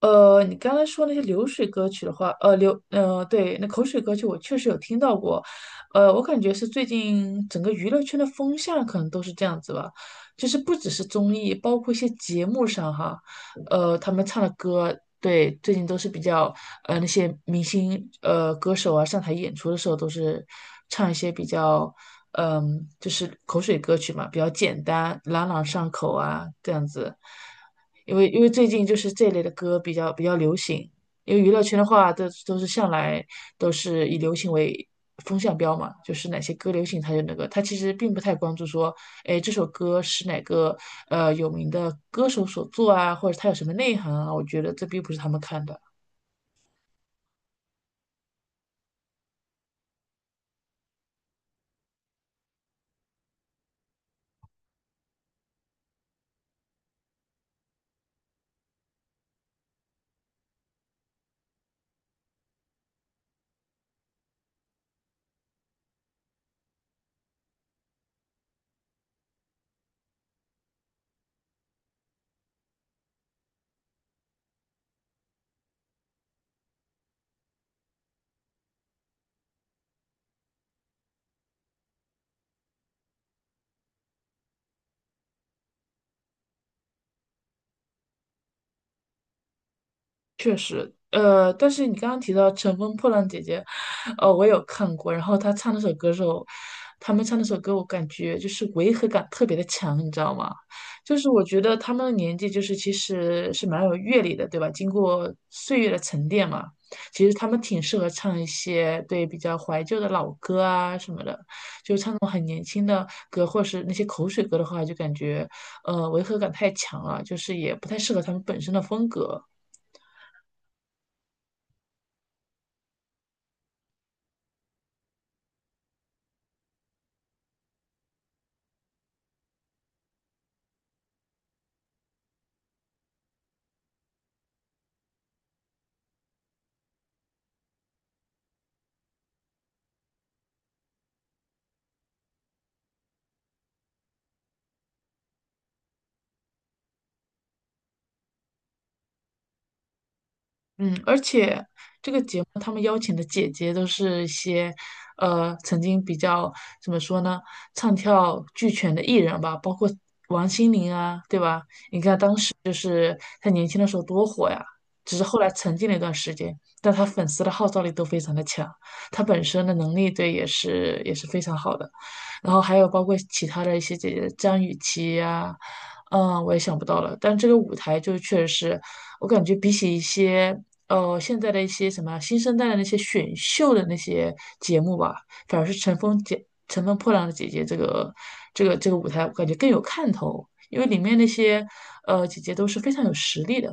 你刚才说那些流水歌曲的话，对，那口水歌曲我确实有听到过。我感觉是最近整个娱乐圈的风向可能都是这样子吧，就是不只是综艺，包括一些节目上哈。他们唱的歌，对，最近都是比较那些明星，歌手啊，上台演出的时候都是唱一些比较，嗯、就是口水歌曲嘛，比较简单，朗朗上口啊，这样子。因为最近就是这类的歌比较流行，因为娱乐圈的话，都是向来都是以流行为风向标嘛，就是哪些歌流行，他就那个，他其实并不太关注说，哎，这首歌是哪个有名的歌手所作啊，或者他有什么内涵啊，我觉得这并不是他们看的。但是你刚刚提到《乘风破浪》姐姐，我有看过，然后她唱那首歌的时候，他们唱那首歌，我感觉就是违和感特别的强，你知道吗？就是我觉得他们的年纪就是其实是蛮有阅历的，对吧？经过岁月的沉淀嘛，其实他们挺适合唱一些对比较怀旧的老歌啊什么的，就唱那种很年轻的歌，或是那些口水歌的话，就感觉违和感太强了，就是也不太适合他们本身的风格。嗯，而且这个节目他们邀请的姐姐都是一些，呃，曾经比较怎么说呢，唱跳俱全的艺人吧，包括王心凌啊，对吧？你看当时就是她年轻的时候多火呀，只是后来沉寂了一段时间，但她粉丝的号召力都非常的强，她本身的能力对也是非常好的。然后还有包括其他的一些姐姐，张雨绮呀、嗯，我也想不到了。但这个舞台就确实是，我感觉比起一些现在的一些什么新生代的那些选秀的那些节目吧，反而是《乘风破浪的姐姐》这个这个舞台，我感觉更有看头，因为里面那些姐姐都是非常有实力的。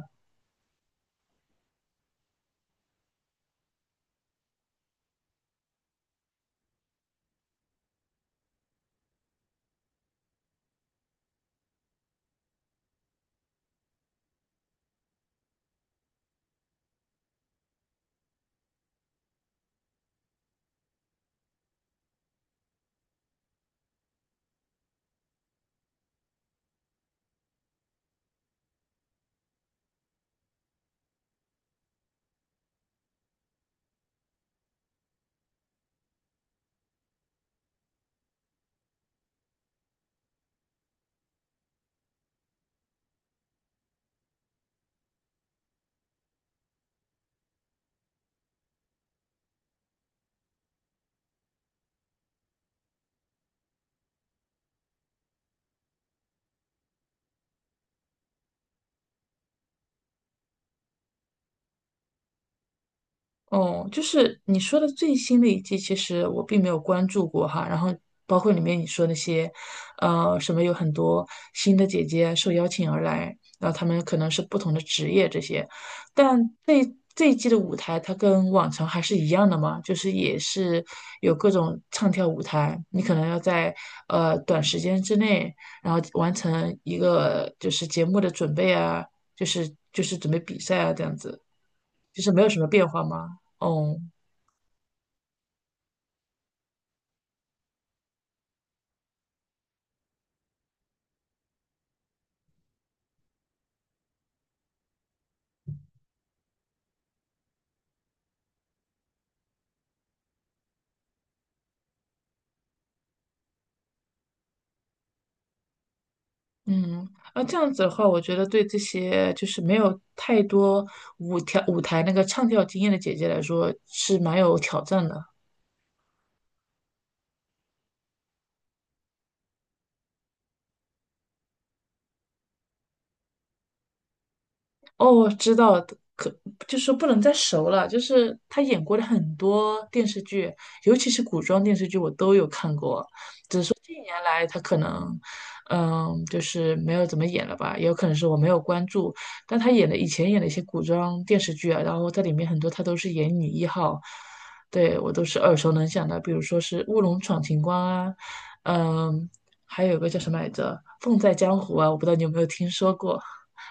哦，就是你说的最新的一季，其实我并没有关注过哈。然后包括里面你说那些，什么有很多新的姐姐受邀请而来，然后她们可能是不同的职业这些。但这这一季的舞台，它跟往常还是一样的嘛，就是也是有各种唱跳舞台，你可能要在短时间之内，然后完成一个就是节目的准备啊，就是准备比赛啊这样子。就是没有什么变化吗？哦，嗯，那这样子的话，我觉得对这些就是没有太多舞跳舞台那个唱跳经验的姐姐来说是蛮有挑战的。哦，知道的可就是不能再熟了，就是她演过的很多电视剧，尤其是古装电视剧，我都有看过。近年来他可能，嗯，就是没有怎么演了吧，也有可能是我没有关注。但他演的以前演的一些古装电视剧啊，然后在里面很多他都是演女一号，对我都是耳熟能详的，比如说是《乌龙闯情关》啊，嗯，还有一个叫什么来着，《凤在江湖》啊，我不知道你有没有听说过，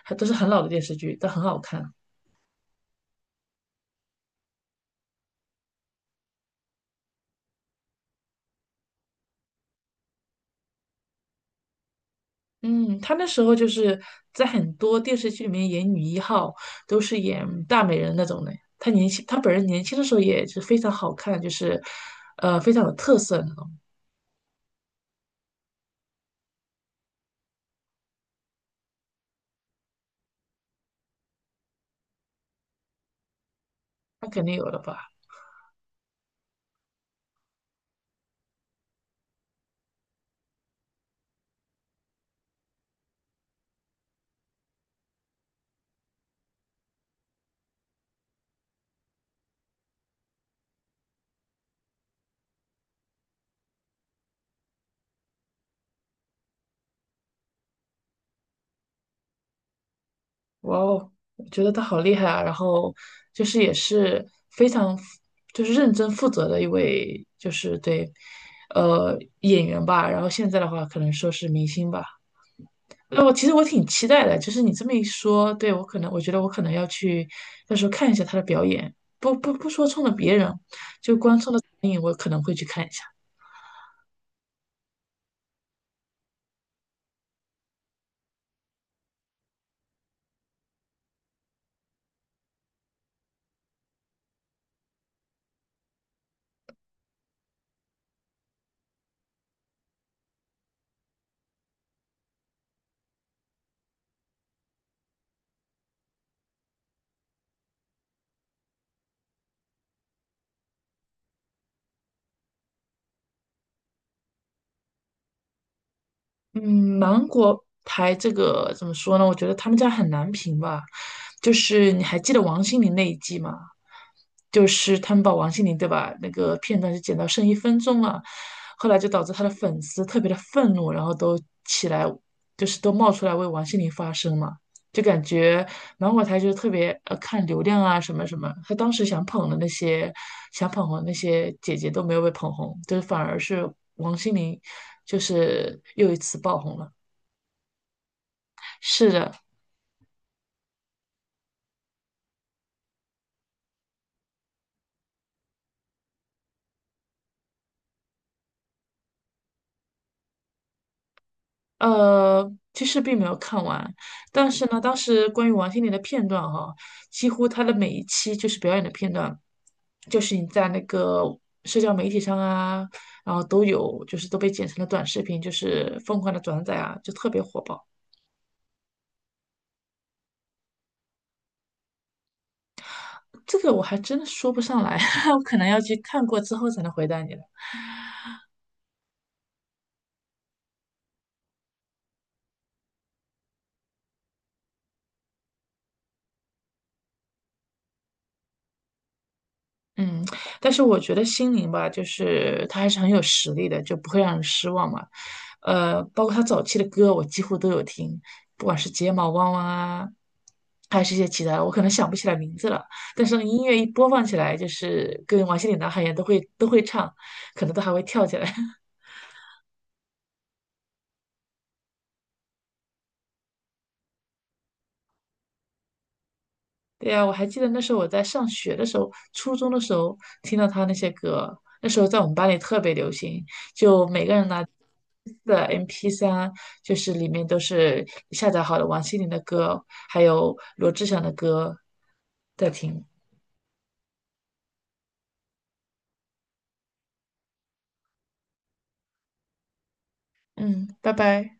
还都是很老的电视剧，但很好看。嗯，她那时候就是在很多电视剧里面演女一号，都是演大美人那种的。她年轻，她本人年轻的时候也是非常好看，就是，非常有特色那种。那肯定有了吧？哇哦，我觉得她好厉害啊！然后就是也是非常就是认真负责的一位，就是对，演员吧。然后现在的话，可能说是明星吧。那我其实我挺期待的，就是你这么一说，对，我可能我觉得我可能要去，到时候看一下他的表演，不说冲着别人，就光冲着电影，我可能会去看一下。嗯，芒果台这个怎么说呢？我觉得他们家很难评吧，就是你还记得王心凌那一季吗？就是他们把王心凌对吧那个片段就剪到剩一分钟了，后来就导致他的粉丝特别的愤怒，然后都起来，就是都冒出来为王心凌发声嘛。就感觉然后我才就是特别看流量啊什么什么，他当时想捧的那些想捧红的那些姐姐都没有被捧红，就是反而是王心凌，就是又一次爆红了。是的。其实并没有看完，但是呢，当时关于王心凌的片段哈、几乎她的每一期就是表演的片段，就是你在那个社交媒体上啊，然后都有，就是都被剪成了短视频，就是疯狂的转载啊，就特别火爆。这个我还真的说不上来，我可能要去看过之后才能回答你了。嗯，但是我觉得心灵吧，就是他还是很有实力的，就不会让人失望嘛。包括他早期的歌，我几乎都有听，不管是睫毛弯弯啊，还是一些其他的，我可能想不起来名字了。但是音乐一播放起来，就是跟王心凌、男孩一样，都会唱，可能都还会跳起来。对呀，我还记得那时候我在上学的时候，初中的时候听到他那些歌，那时候在我们班里特别流行，就每个人拿的 MP3,就是里面都是下载好的王心凌的歌，还有罗志祥的歌在听。嗯，拜拜。